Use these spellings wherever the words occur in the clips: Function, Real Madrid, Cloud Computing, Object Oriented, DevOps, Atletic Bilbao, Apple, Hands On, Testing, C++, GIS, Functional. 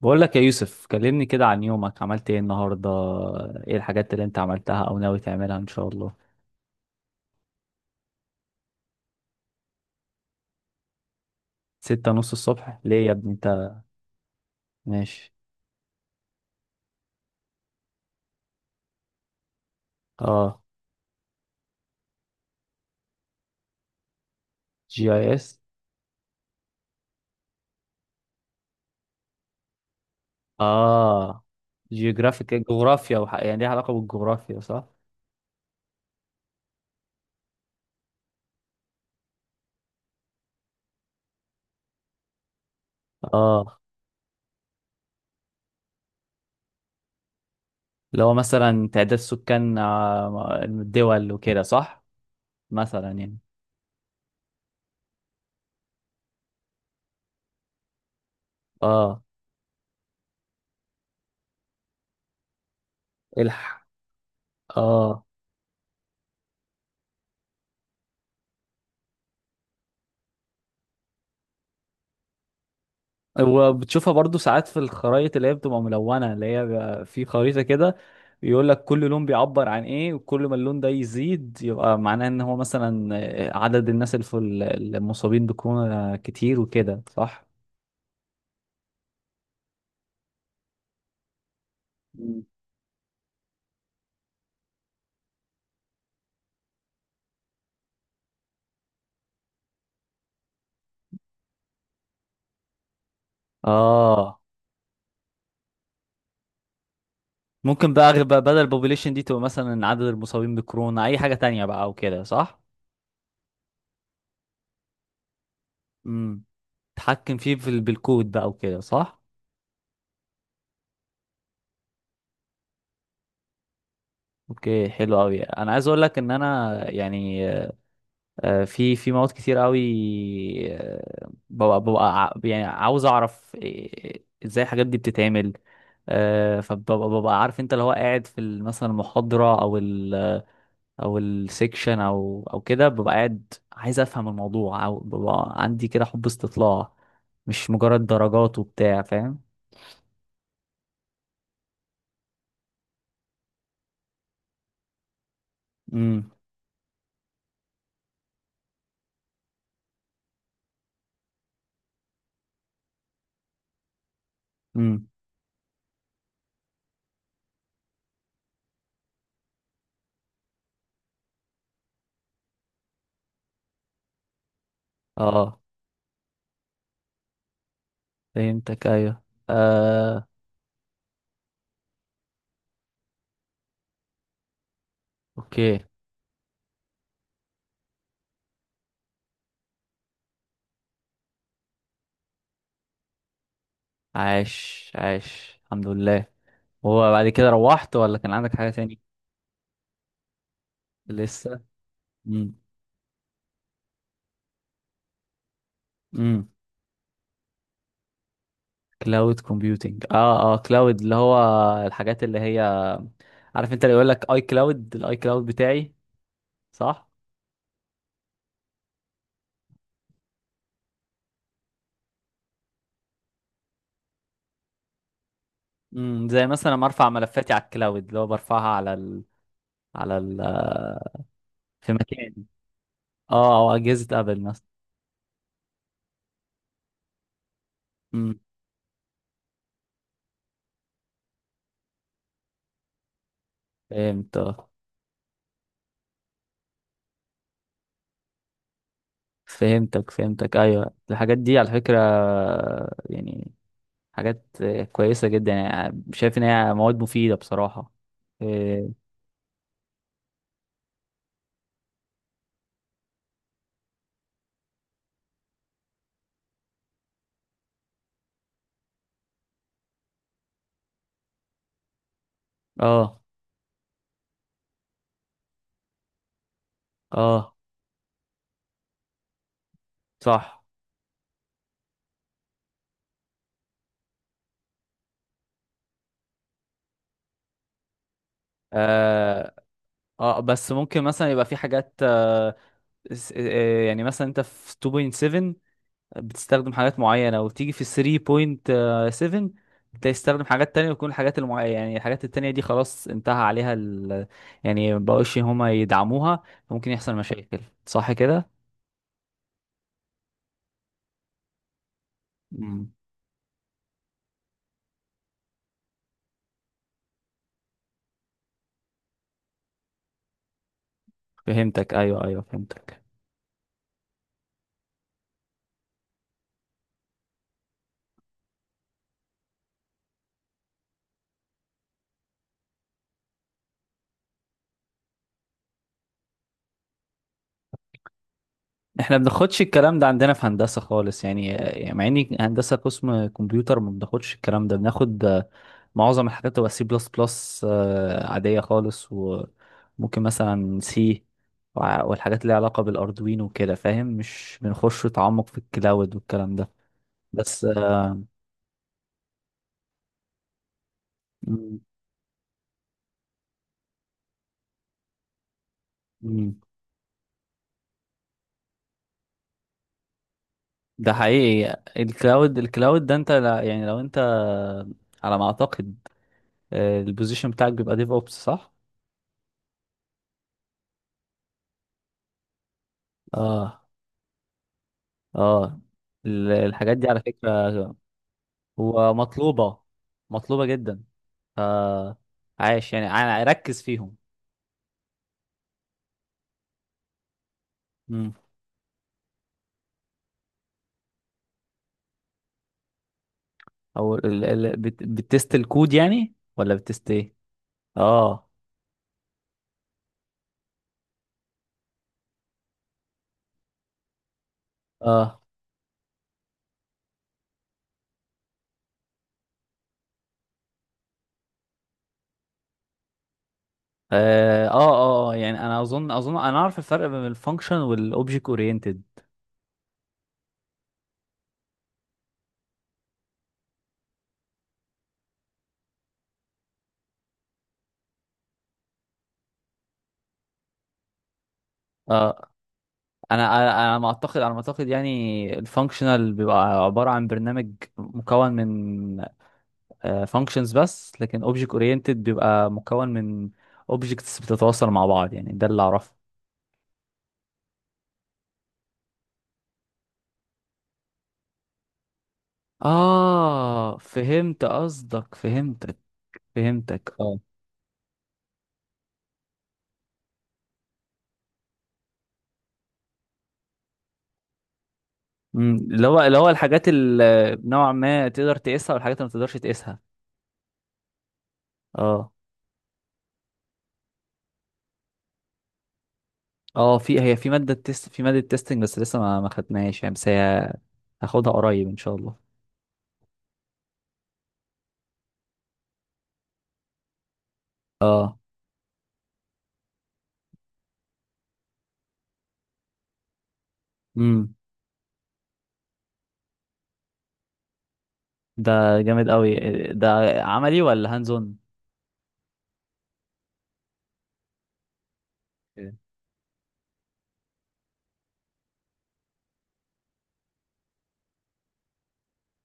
بقول لك يا يوسف، كلمني كده عن يومك. عملت ايه النهارده؟ ايه الحاجات اللي انت عملتها او ناوي تعملها ان شاء الله؟ ستة نص الصبح ليه يا ابني انت؟ ماشي. اه. جي اي اس. اه. جيوغرافيك. جغرافيا يعني ليها علاقة بالجغرافيا، صح؟ اه. اللي هو مثلا تعداد سكان الدول وكده، صح؟ مثلا يعني. اه. الح اه. وبتشوفها برضو ساعات في الخرايط اللي هي بتبقى ملونة، اللي هي بيبقى في خريطة كده يقول لك كل لون بيعبر عن ايه، وكل ما اللون ده يزيد يبقى معناه ان هو مثلا عدد الناس اللي في المصابين بكورونا كتير وكده، صح؟ مم. اه. ممكن بقى بقى بدل البوبوليشن دي تبقى مثلا عدد المصابين بكورونا اي حاجة تانية بقى او كده، صح؟ امم. تحكم فيه في بالكود بقى وكده، صح؟ اوكي، حلو قوي. انا عايز اقول لك ان انا يعني في مواد كتير قوي. ببقى يعني عاوز اعرف ازاي الحاجات دي بتتعمل. فببقى عارف، انت اللي هو قاعد في مثلا المحاضرة او ال، او السكشن او او كده، ببقى قاعد عايز افهم الموضوع، او ببقى عندي كده حب استطلاع، مش مجرد درجات وبتاع، فاهم؟ امم. امم. اه، فهمتك، ايوه. آه، اوكي. عاش، عاش. الحمد لله. هو بعد كده روحت ولا كان عندك حاجة تاني؟ لسه. امم. امم. كلاود كومبيوتنج. اه اه. كلاود، اللي هو الحاجات اللي هي، عارف انت اللي يقول لك اي كلاود، الاي كلاود بتاعي. صح. امم. زي مثلا لما ارفع ملفاتي على الكلاود اللي هو برفعها على على ال... في مكان. اه، او اجهزة ابل مثلا. امم. فهمت. آه. فهمتك، فهمتك، ايوه. الحاجات دي على فكرة يعني حاجات كويسة جدا، يعني شايف ان هي مواد مفيدة بصراحة. اه. اه. آه، صح. اه. اه، بس ممكن مثلا يبقى في حاجات يعني مثلا انت في 2.7 بتستخدم حاجات معينة، وتيجي في 3.7 تستخدم حاجات تانية، وتكون الحاجات المعينة، يعني الحاجات التانية دي خلاص انتهى عليها يعني مبقوش هما يدعموها. ممكن يحصل مشاكل، صح كده؟ مم. فهمتك، ايوه ايوه، فهمتك. احنا بناخدش الكلام ده عندنا في هندسة خالص يعني، يعني مع اني هندسة قسم كمبيوتر ما بناخدش الكلام ده، بناخد معظم الحاجات تبقى سي بلس بلس عادية خالص، وممكن مثلا سي والحاجات اللي ليها علاقة بالاردوينو وكده، فاهم؟ مش بنخش تعمق في الكلاود والكلام ده. بس مم، مم. ده حقيقي. الكلاود، الكلاود ده انت يعني لو انت، على ما اعتقد، البوزيشن بتاعك بيبقى ديف اوبس، صح؟ اه. اه. الحاجات دي على فكرة هو مطلوبة، مطلوبة جدا. ف، عايش يعني ركز فيهم. مم. او بتست الكود يعني، ولا بتست ايه؟ اه. اه. اه. اه. اه. يعني انا اظن انا اعرف الفرق بين الفانكشن والاوبجكت اورينتد. اه. انا انا أنا ما اعتقد، على ما اعتقد يعني، الفانكشنال بيبقى عباره عن برنامج مكون من فانكشنز بس، لكن اوبجكت اورينتد بيبقى مكون من اوبجكتس بتتواصل مع بعض، يعني ده اللي اعرفه. اه، فهمت قصدك، فهمتك. فهمتك، اه. أمم، اللي هو، اللي هو الحاجات اللي نوعا ما تقدر تقيسها والحاجات اللي ما تقدرش تقيسها. اه. اه، في، هي في ماده تيست، في ماده تيستنج، بس لسه ما خدناهاش يعني، بس هي هاخدها قريب ان شاء الله. اه. امم. ده جامد قوي. ده عملي ولا هاندز اون؟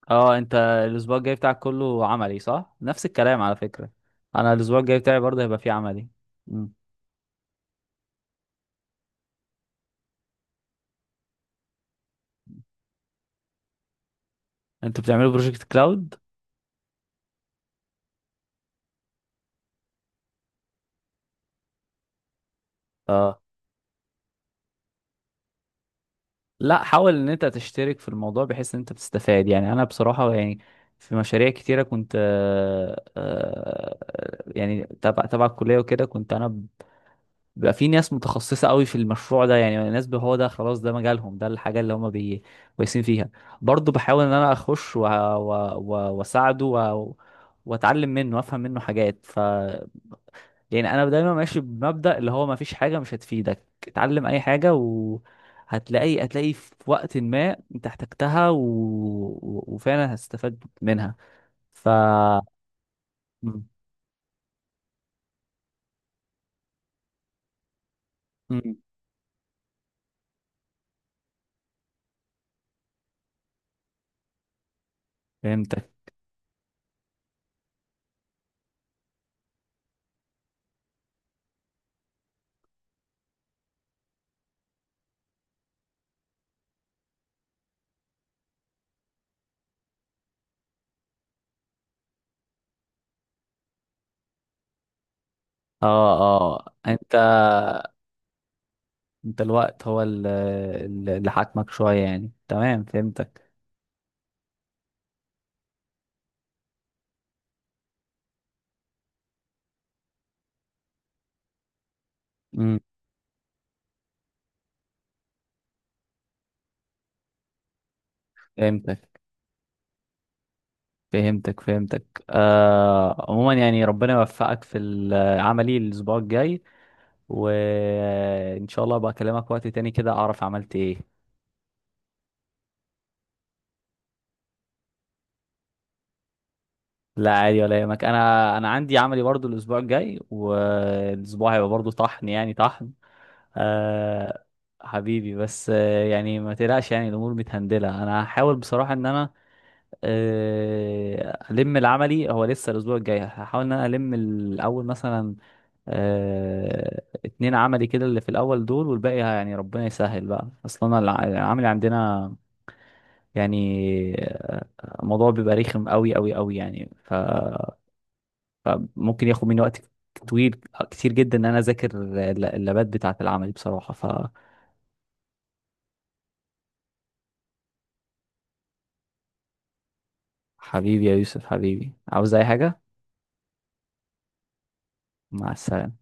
اه، انت الاسبوع الجاي بتاعك كله عملي، صح؟ نفس الكلام على فكرة، انا الاسبوع الجاي بتاعي برضه هيبقى فيه عملي. مم. انتوا بتعملوا بروجكت كلاود؟ اه. لا، حاول ان انت تشترك في الموضوع بحيث ان انت بتستفاد. يعني انا بصراحة يعني في مشاريع كتيرة كنت يعني تبع الكلية وكده، كنت انا بيبقى في ناس متخصصة قوي في المشروع ده، يعني ناس هو ده خلاص ده مجالهم، ده الحاجة اللي هما كويسين فيها. برضو بحاول ان انا اخش واساعده واتعلم منه وافهم منه حاجات. ف، يعني انا دايما ماشي بمبدأ اللي هو ما فيش حاجة مش هتفيدك، اتعلم اي حاجة وهتلاقي، في وقت ما انت احتجتها وفعلا هتستفاد منها. ف. م- م- فهمتك. اه. اه. انت، الوقت هو اللي حاكمك شوية يعني، تمام، فهمتك. امم. فهمتك، فهمتك، فهمتك. آه، عموما يعني ربنا يوفقك في عملي الأسبوع الجاي، وإن شاء الله بقى أكلمك وقت تاني كده أعرف عملت إيه. لا، عادي ولا يهمك، أنا عندي عملي برضو الأسبوع الجاي، والأسبوع هيبقى برضو طحن يعني، طحن. آه. حبيبي، بس يعني ما تقلقش، يعني الأمور متهندلة. أنا هحاول بصراحة إن أنا الم العملي، هو لسه الاسبوع الجاي، هحاول ان انا الم الاول مثلا 2 عملي كده اللي في الاول دول، والباقي يعني ربنا يسهل بقى. اصلا العملي عندنا يعني الموضوع بيبقى رخم قوي قوي قوي يعني. فممكن ياخد مني وقت طويل كتير جدا ان انا اذاكر اللابات بتاعه العملي بصراحة. فحبيبي يا يوسف، حبيبي، عاوز اي حاجة؟ مع السلامة.